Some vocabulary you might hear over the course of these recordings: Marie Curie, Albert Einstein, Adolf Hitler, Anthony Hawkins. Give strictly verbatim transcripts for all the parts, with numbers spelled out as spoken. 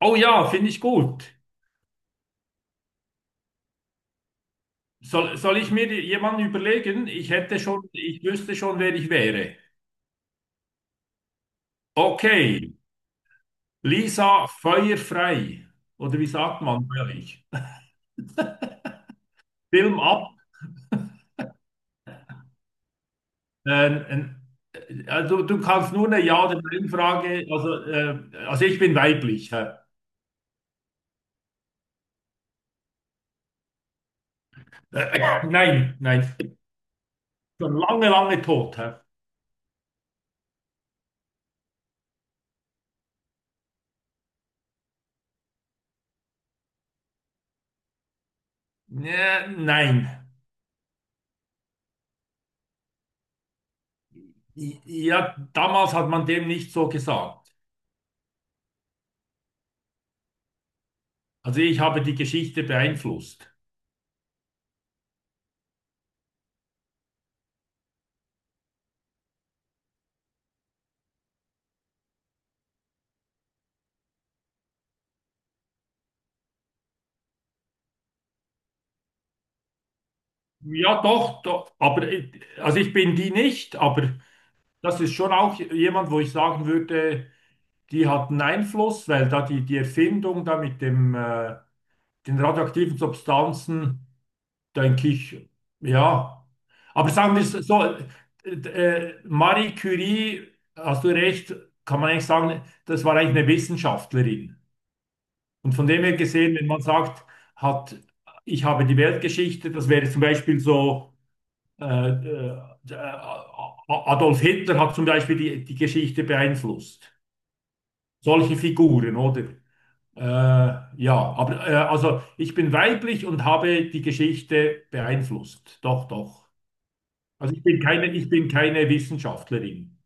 Oh ja, finde ich gut. Soll, soll ich mir jemanden überlegen? Ich hätte schon, ich wüsste schon, wer ich wäre. Okay, Lisa feuerfrei. Oder wie sagt man bei euch? Film ab. Ähm, ähm, also, du kannst nur eine Ja- oder Nein-Frage. Also, äh, also ich bin weiblich. Hä? Äh, nein, nein. Schon lange, lange tot. Hä? Äh, nein. Ja, damals hat man dem nicht so gesagt. Also ich habe die Geschichte beeinflusst. Ja, doch, doch, aber äh, also ich bin die nicht, aber das ist schon auch jemand, wo ich sagen würde, die hat einen Einfluss, weil da die, die Erfindung da mit dem, äh, den radioaktiven Substanzen, denke ich, ja. Aber sagen wir es so, äh, äh, Marie Curie, hast du recht, kann man eigentlich sagen, das war eigentlich eine Wissenschaftlerin. Und von dem her gesehen, wenn man sagt, hat, ich habe die Weltgeschichte, das wäre zum Beispiel so. Äh, äh, Adolf Hitler hat zum Beispiel die, die Geschichte beeinflusst. Solche Figuren, oder? Äh, ja, aber äh, also ich bin weiblich und habe die Geschichte beeinflusst. Doch, doch. Also ich bin keine, ich bin keine Wissenschaftlerin.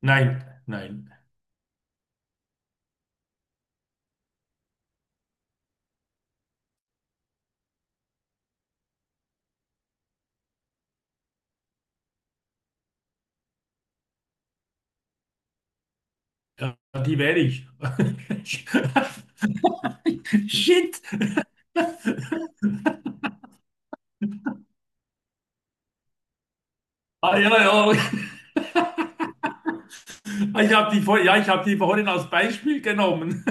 Nein, nein. Ja, die wäre ich. Shit. Ah, ja, ja. Ich habe die, vor- Ja, ich hab die vorhin als Beispiel genommen.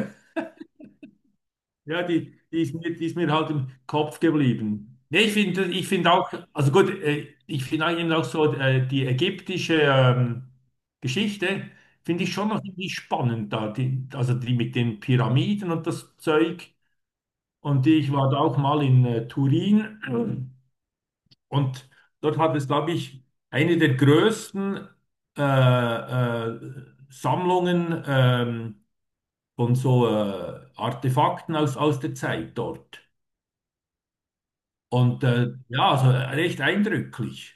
Ja, die, die ist mir, die ist mir halt im Kopf geblieben. Nee, ich finde, ich finde auch, also gut, äh, ich finde eben auch so äh, die ägyptische ähm, Geschichte, finde ich schon noch irgendwie spannend da, die, also die mit den Pyramiden und das Zeug. Und ich war da auch mal in äh, Turin und dort hat es, glaube ich, eine der größten äh, äh, Sammlungen ähm, von so äh, Artefakten aus, aus der Zeit dort. Und äh, ja, also recht eindrücklich.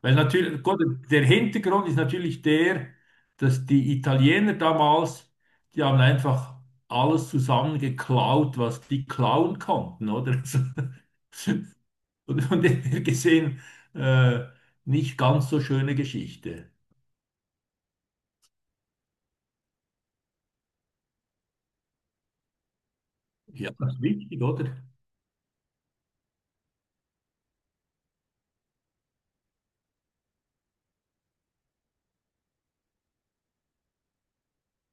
Weil natürlich, gut, der Hintergrund ist natürlich der, dass die Italiener damals, die haben einfach alles zusammengeklaut, was die klauen konnten, oder? Also, und von dem her gesehen, äh, nicht ganz so schöne Geschichte. Ja, das ist wichtig, oder?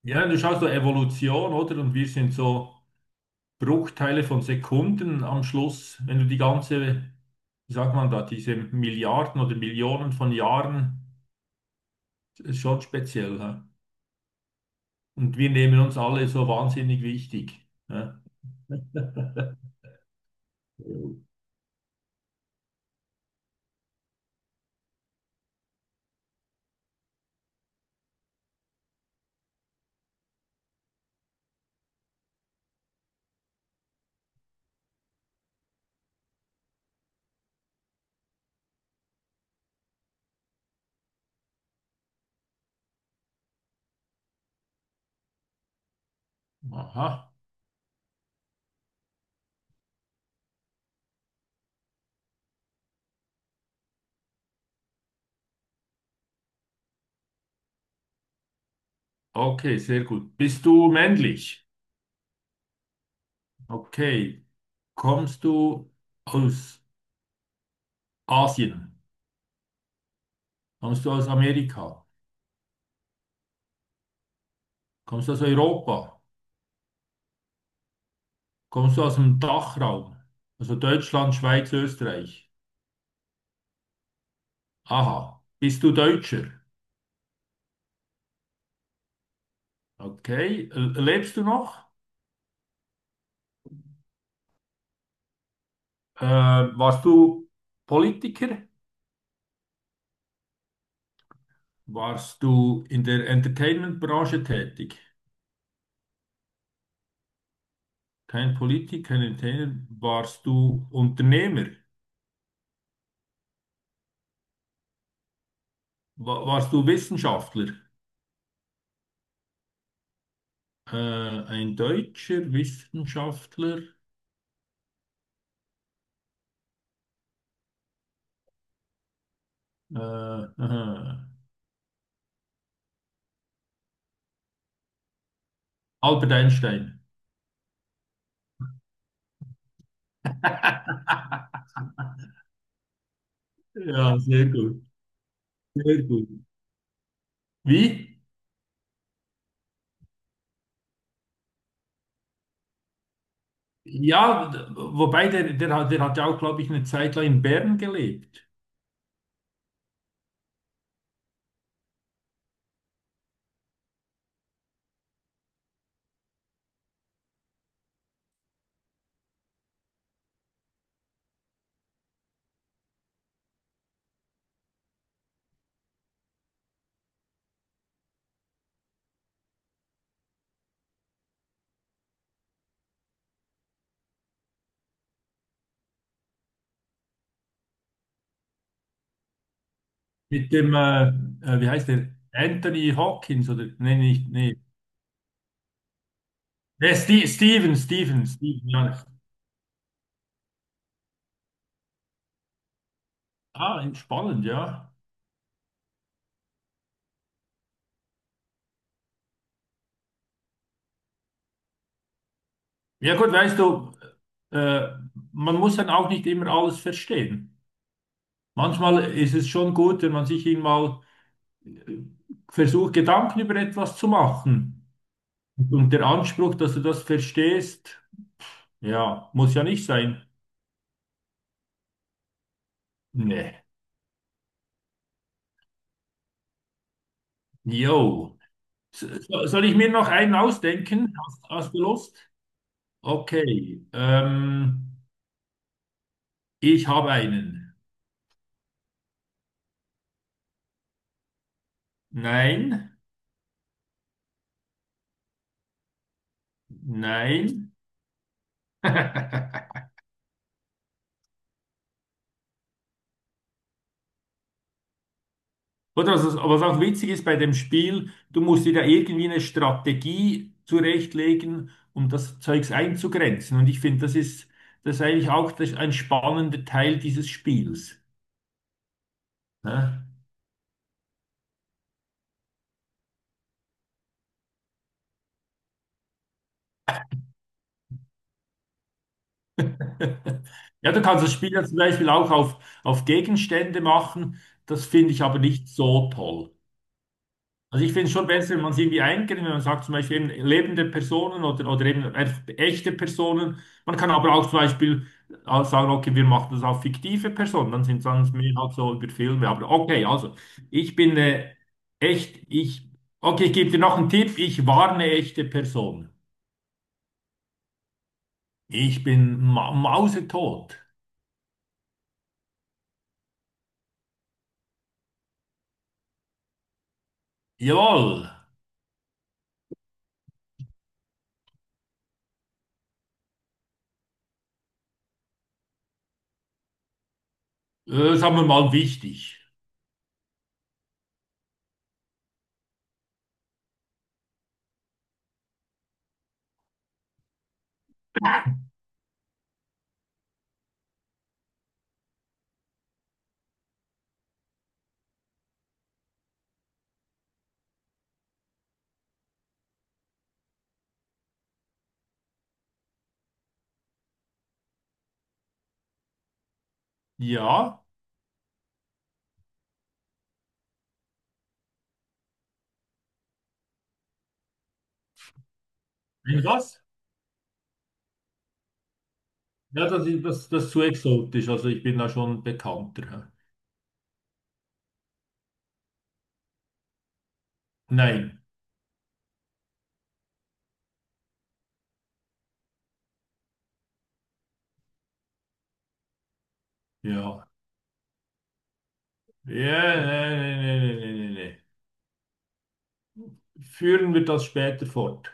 Ja, du schaust so Evolution, oder? Und wir sind so. Bruchteile von Sekunden am Schluss, wenn du die ganze, wie sagt man da, diese Milliarden oder Millionen von Jahren, das ist schon speziell, hä? Und wir nehmen uns alle so wahnsinnig wichtig, hä? Aha, okay, sehr gut. Bist du männlich? Okay. Kommst du aus Asien? Kommst du aus Amerika? Kommst du aus Europa? Kommst du aus dem Dachraum? Also Deutschland, Schweiz, Österreich. Aha. Bist du Deutscher? Okay. L- Lebst du noch? Äh, Warst du Politiker? Warst du in der Entertainment-Branche tätig? Kein Politiker, kein Entertainer. Warst du Unternehmer? Wa- warst du Wissenschaftler? Äh, ein deutscher Wissenschaftler? Äh, aha. Albert Einstein. Ja, sehr gut. Sehr gut. Wie? Ja, d- wobei der, der, hat- der hat ja auch, glaube ich, eine Zeit lang in Bern gelebt. Mit dem, äh, äh, wie heißt der? Anthony Hawkins oder? Nee, nicht, nee. Nee, Ste Steven, Steven, Steven, ja. Ah, spannend, ja. Ja gut, weißt du, äh, man muss dann auch nicht immer alles verstehen. Manchmal ist es schon gut, wenn man sich eben mal äh, versucht, Gedanken über etwas zu machen. Und der Anspruch, dass du das verstehst, ja, muss ja nicht sein. Nee. Jo. So, soll ich mir noch einen ausdenken? Hast, hast du Lust? Okay, ähm, ich habe einen. Nein, nein. Oder was, was auch witzig ist bei dem Spiel, du musst dir da irgendwie eine Strategie zurechtlegen, um das Zeugs einzugrenzen. Und ich finde, das ist, das ist eigentlich auch das, ein spannender Teil dieses Spiels, ne? Ja, du kannst das Spiel ja zum Beispiel auch auf, auf Gegenstände machen. Das finde ich aber nicht so toll. Also ich finde schon besser, wenn man es irgendwie eingrenzt, wenn man sagt zum Beispiel eben lebende Personen oder, oder eben einfach echte Personen. Man kann aber auch zum Beispiel auch sagen, okay, wir machen das auf fiktive Personen, dann sind es mehr halt so über Filme. Aber okay, also ich bin äh, echt, ich, okay, ich gebe dir noch einen Tipp, ich war eine echte Person. Ich bin ma mausetot. Jawohl, äh, sagen wir mal wichtig. Ja, wenn was? Ja, das ist das, das ist zu exotisch, also ich bin da schon bekannter, hä? Nein. Ja. Ja, nee, nee, nee, nee, nee, nee, nee. Führen wir das später fort.